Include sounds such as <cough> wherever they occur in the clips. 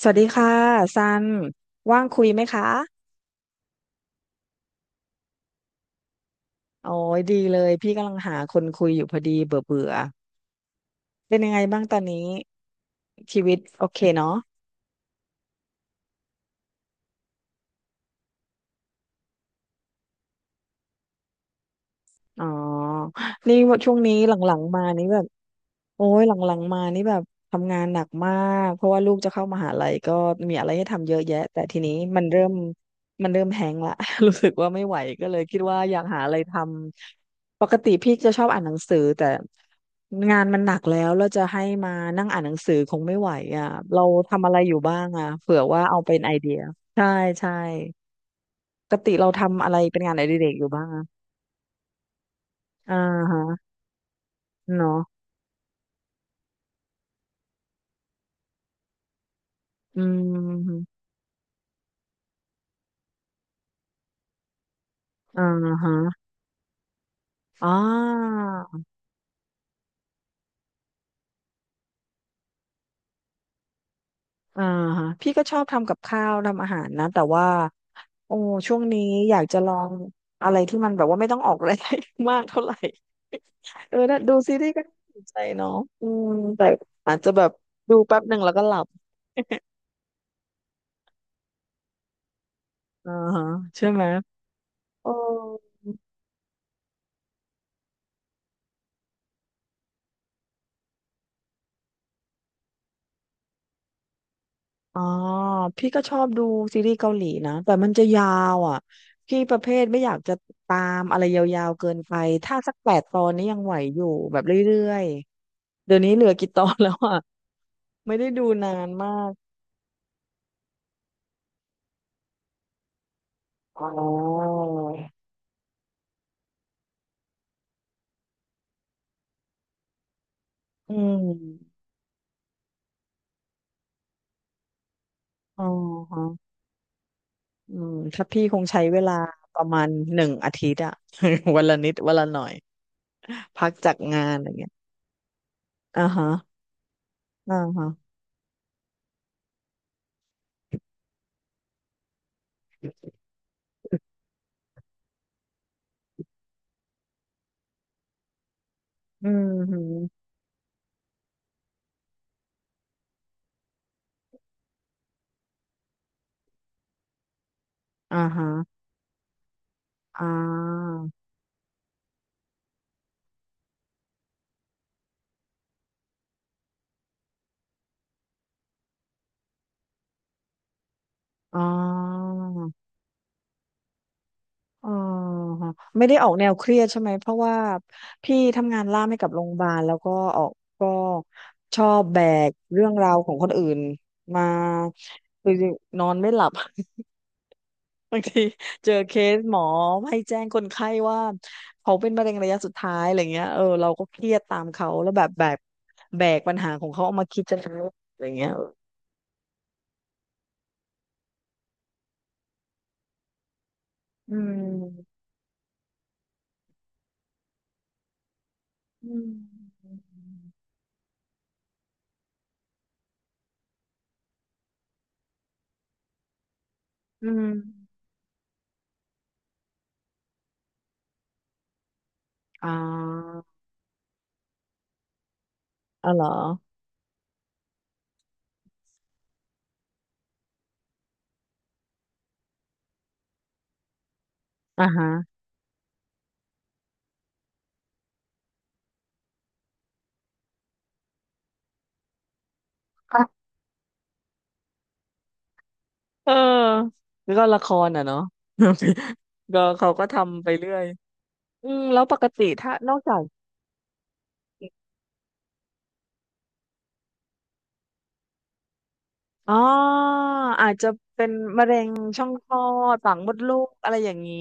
สวัสดีค่ะซันว่างคุยไหมคะโอ้ยดีเลยพี่กำลังหาคนคุยอยู่พอดีเบื่อเบื่อเป็นยังไงบ้างตอนนี้ชีวิตโอเคเนาะ อ๋อนี่ว่าช่วงนี้หลังๆมานี่แบบทำงานหนักมากเพราะว่าลูกจะเข้ามหาลัยก็มีอะไรให้ทำเยอะแยะแต่ทีนี้มันเริ่มมันเริ่มแฮงก์ละ <laughs> รู้สึกว่าไม่ไหวก็เลยคิดว่าอยากหาอะไรทำปกติพี่จะชอบอ่านหนังสือแต่งานมันหนักแล้วจะให้มานั่งอ่านหนังสือคงไม่ไหวอ่ะเราทำอะไรอยู่บ้างอ่ะเผื่อว่าเอาเป็นไอเดียใช่ใช่ปกติเราทำอะไรเป็นงานอดิเรกอยู่บ้างอ่ะอ่าฮะเนาะ อืมอ่าฮะอ่าอ่าฮะพี่ก็ชอบทำกับข้าวทำอาหารนะแต่ว่าโอ้ช่วงนี้อยากจะลองอะไรที่มันแบบว่าไม่ต้องออกแรงมากเท่าไหร่ <laughs> เออน่ะดูซีรีส์ก็น่าสนใจเนาะอืมแต่อาจจะแบบดูแป๊บหนึ่งแล้วก็หลับอ่าฮะใช่ไหมเออ อ๋อพี่ก็ชอบดูซีรีส์เกาหลีนะแต่มันจะยาวอ่ะพี่ประเภทไม่อยากจะตามอะไรยาวๆเกินไปถ้าสัก8 ตอนนี้ยังไหวอยู่แบบเรื่อยๆเดี๋ยวนี้เหลือกี่ตอนแล้วอ่ะ <laughs> ไม่ได้ดูนานมากอ๋ออืมอ๋อฮะอืมถ้าพี่คงใช้เวลาประมาณหนึ่งอาทิตย์อ่ะ <laughs> วันละนิดวันละหน่อยพักจากงานอะไรเงี้ยอ่าฮะอ่าฮะอืมฮึอ่าฮะอ่าอ๋อ อ๋อไม่ได้ออกแนวเครียดใช่ไหมเพราะว่าพี่ทำงานล่ามให้กับโรงพยาบาลแล้วก็ออกก็ชอบแบกเรื่องราวของคนอื่นมา <laughs> คือนอนไม่หลับ <laughs> บางทีเจอเคสหมอให้แจ้งคนไข้ว่าเขาเป็นมะเร็งระยะสุดท้ายอะไรเงี้ยเออเราก็เครียดตามเขาแล้วแบบแบกปัญหาของเขาเอามาคิดจะทำอะไรเงี้ยเอออืมอืมอืมอ่าอ๋อเหรออ่าฮะ เออแล้วก็ละครอ่ะเนาะ <laughs> ก็เขาก็ทำไปเรื่อยอืมแล้วปกติถ้านอกจากอ๋ออาจจะเป็นมะเร็งช่องคลอดปากมดลูกอะไรอย่างนี้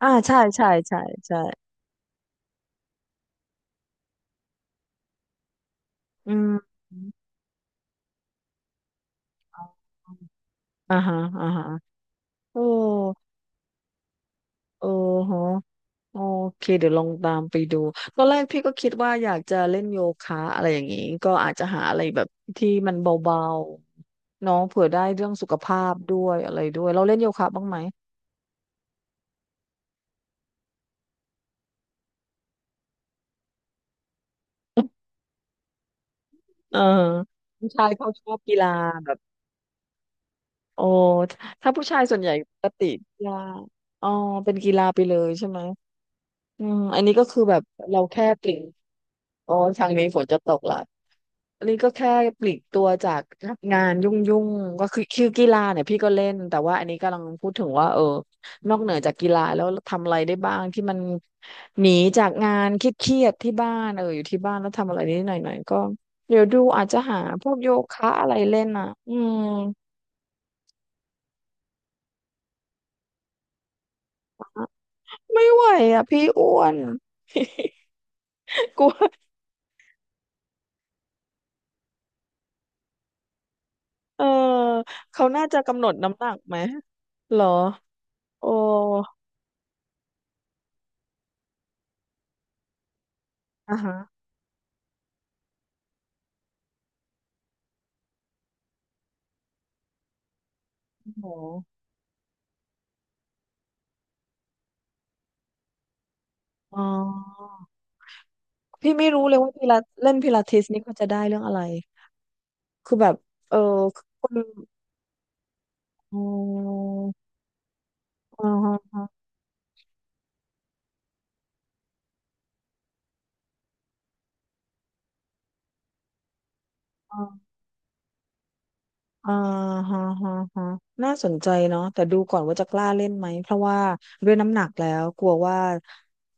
อ่าใช่ใช่ใช่ใช่อืมอ่าฮะอ่าฮะโอ้โอ้โห โอเคเดี๋ยวลองตามไปดูตอนแรกพี่ก็คิดว่าอยากจะเล่นโยคะอะไรอย่างนี้ก็อาจจะหาอะไรแบบที่มันเบาๆเน้องเผื่อได้เรื่องสุขภาพด้วยอะไรด้วยเราเล่นโยคะบ้างไหมเออผู้ชายเขาชอบกีฬาแบบโอ้ถ้าผู้ชายส่วนใหญ่ปกติกีฬาอ๋อเป็นกีฬาไปเลยใช่ไหม อืมอันนี้ก็คือแบบเราแค่ปลีกอ๋อทางนี้ฝนจะตกละอันนี้ก็แค่ปลีกตัวจากงานยุ่งๆก็คือกีฬาเนี่ยพี่ก็เล่นแต่ว่าอันนี้กำลังพูดถึงว่าเออนอกเหนือจากกีฬาแล้วทำอะไรได้บ้างที่มันหนีจากงานเครียดๆที่บ้านเอออยู่ที่บ้านแล้วทำอะไรนิดหน่อยๆก็เดี๋ยวดูอาจจะหาพวกโยคะอะไรเล่นอ่ะอืมไม่ไหวอ่ะพี่อ้วน <laughs> กลัวเออเขาน่าจะกำหนดน้ำหนักไหมเหรอ โอ้อ่าฮะโอ้โหอ๋อพี่ไม่รู้เลยว่าพิลาเล่นพิลาทิสนี่เขาจะได้เรื่องอะไร คือแบบเออคนอ๋ออ๋ออ๋ออ๋ออ๋อฮะฮะฮะน่าสนใจเนาะแต่ดูก่อนว่าจะกล้าเล่นไหม เพราะว่าด้วยน้ำหนักแล้วกลัวว่า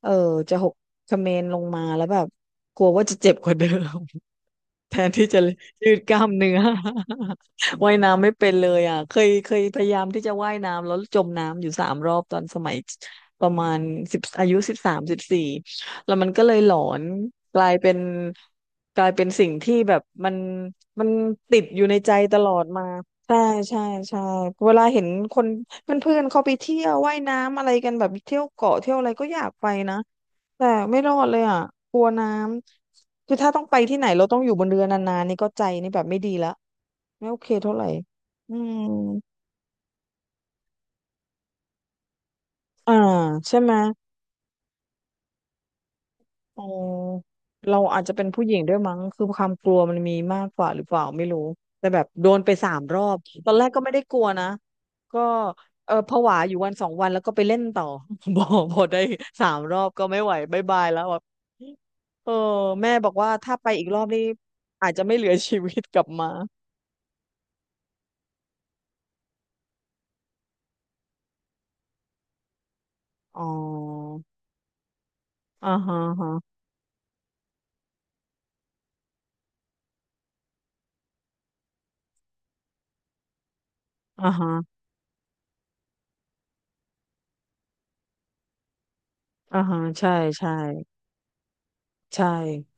เออจะหกเขมรลงมาแล้วแบบกลัวว่าจะเจ็บกว่าเดิม แทนที่จะยืดกล้ามเนื้อ <laughs> ว่ายน้ำไม่เป็นเลยอ่ะเคยพยายามที่จะว่ายน้ำแล้วจมน้ำอยู่สามรอบตอนสมัยประมาณอายุ13 14แล้วมันก็เลยหลอนกลายเป็นกลายเป็นสิ่งที่แบบมันติดอยู่ในใจตลอดมาใช่ใช่ใช่เวลาเห็นคนเพื่อนๆเขาไปเที่ยวว่ายน้ำอะไรกันแบบเที่ยวเกาะเที่ยวอะไรก็อยากไปนะ แต่ไม่รอดเลยอ่ะกลัวน้ำ คือถ้าต้องไปที่ไหนเราต้องอยู่บนเรือนานๆนี่ก็ใจนี่แบบไม่ดีละไม่โอเคเท่าไหร่อืมอ่าใช่ไหม อ๋อเราอาจจะเป็นผู้หญิงด้วยมั้งคือความกลัวมันมีมากกว่าหรือเปล่าไม่รู้แต่แบบโดนไปสามรอบตอนแรกก็ไม่ได้กลัวนะก็เออผวาอยู่วัน2 วันแล้วก็ไปเล่นต่อ <laughs> บอพอได้สามรอบก็ไม่ไหวบายบายแล้วแบบเออแม่บอกว่าถ้าไปอีกรอบนี่อาจจะไม่เหลือชีวิตกลับมาอ๋ออ่าฮะอ่าฮะอ่าฮะอ่าฮะใช่ใช่ ใช่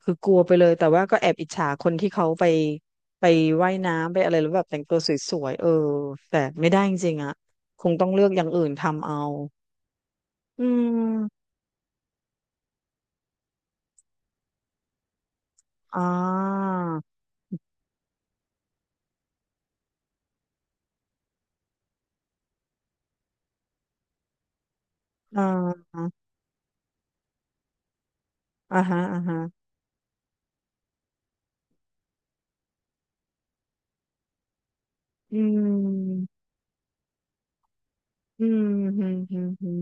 คือกลัวไปเลย แต่ว่าก็แอบอิจฉาคนที่เขาไปไปว่ายน้ำไปอะไรแล้วแบบแต่งตัวสวยๆเออแต่ไม่ได้จริงๆอ่ะคงต้องเลือกอย่างอื่นทำเอาอืมอ่าอ่าอ่าฮะอ่าฮะอืมอืมอืม อืม อืม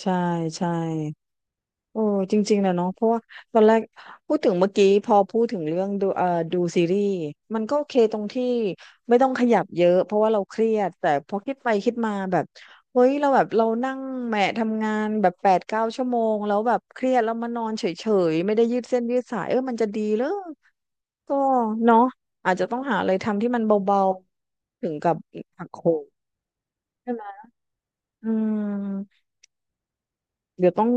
ใช่ใช่ โอ้จริงๆนะเนาะเพราะว่าตอนแรกพูดถึงเมื่อกี้พอพูดถึงเรื่องดูดูซีรีส์มันก็โอเคตรงที่ไม่ต้องขยับเยอะเพราะว่าเราเครียดแต่พอคิดไปคิดมาแบบเฮ้ยเราแบบเรานั่งแหมะทำงานแบบแปดเก้าชั่วโมงแล้วแบบเครียดแล้วมานอนเฉยๆไม่ได้ยืดเส้นยืดสายเออมันจะดีเหรอก็เนาะอาจจะต้องหาอะไรทำที่มันเบาๆถึงกับหักโหมใช่ไหมอืม เดี๋ยวต้อง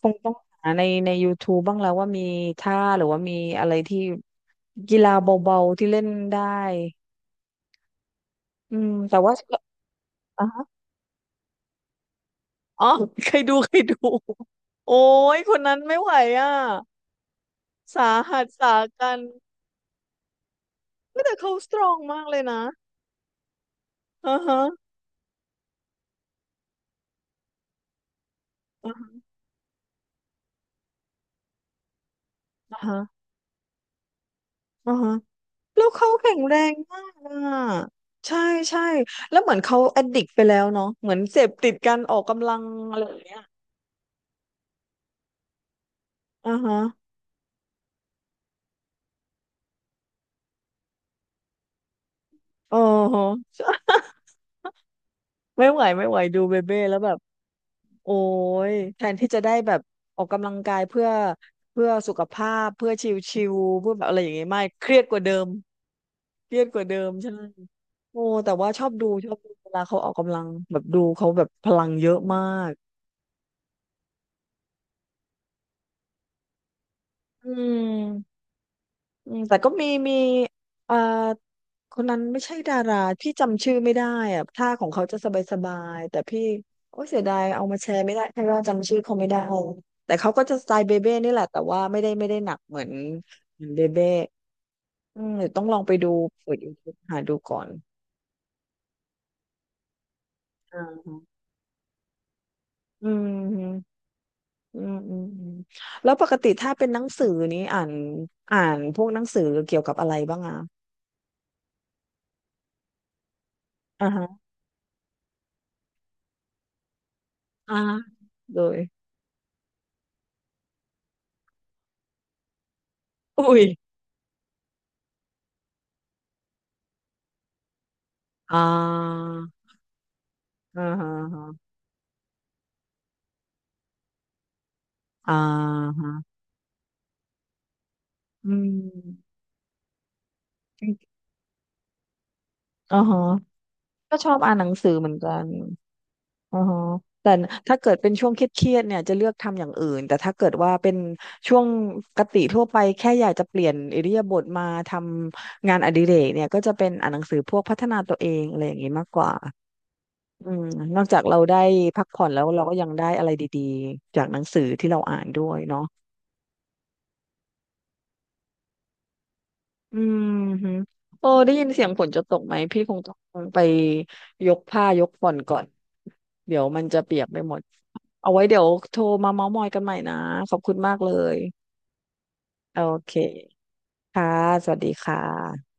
คงต้องหาใน YouTube บ้างแล้วว่ามีท่าหรือว่ามีอะไรที่กีฬาเบาๆที่เล่นได้อืมแต่ว่าอ๋ออ๋อเคยดูโอ้ยคนนั้นไม่ไหวอ่ะสาหัสสากันเฮ้ยแต่เขาสตรองมากเลยนะอ่าฮะอ่าฮะอ่าฮะแล้วเขาแข็งแรงมากอ่ะใช่ใช่แล้วเหมือนเขาแอดดิกไปแล้วเนาะเหมือนเสพติดการออกกำลังอะไรอย่างเงี้ยอ่าฮะอ๋อ ไม่ไหวไม่ไหวดูเบเบ้แล้วแบบโอ้ยแทนที่จะได้แบบออกกำลังกายเพื่อสุขภาพเพื่อชิลๆเพื่อแบบอะไรอย่างเงี้ยไม่เครียดกว่าเดิมเครียดกว่าเดิมใช่โอ้แต่ว่าชอบดูเวลาเขาออกกำลังแบบดูเขาแบบพลังเยอะมากอืม อืมแต่ก็มีเอ่อคนนั้นไม่ใช่ดาราพี่จำชื่อไม่ได้อะท่าของเขาจะสบายๆแต่พี่โอ้เสียดายเอามาแชร์ไม่ได้เพราะว่าจำชื่อเขาไม่ได้แต่เขาก็จะสไตล์เบเบ้นี่แหละแต่ว่าไม่ได้หนักเหมือนเบเบ้อืมเดี๋ยวต้องลองไปดูเปิด YouTube หาดูก่อนอ่าอืมอืมอืมอืมแล้วปกติถ้าเป็นหนังสือนี้อ่านพวกหนังสือเกี่ยวกับอะไรบ้างอ่ะอ่าฮะอ่าโดยอุ้ยอ่า อ่าฮะอ่าฮะอืมอ่าฮะก็ชอบอ่านหนังสือเหมือนกันอ่าฮะแต่ถ้าเกิดเป็นช่วงเครียดๆเนี่ยจะเลือกทำอย่างอื่นแต่ถ้าเกิดว่าเป็นช่วงปกติทั่วไปแค่อยากจะเปลี่ยนอิริยาบถมาทำงานอดิเรกเนี่ยก็จะเป็นอ่านหนังสือพวกพัฒนาตัวเองอะไรอย่างนี้มากกว่าอืมนอกจากเราได้พักผ่อนแล้วเราก็ยังได้อะไรดีๆจากหนังสือที่เราอ่านด้วยเนาะ อืมฮึโอ้ได้ยินเสียงฝนจะตกไหมพี่คงต้องไปยกผ้ายกฝนก่อนเดี๋ยวมันจะเปียกไปหมดเอาไว้เดี๋ยวโทรมาเม้าท์มอยกันใหม่นะขอบคุณมากเลยโอเคค่ะสวัสดีค่ะ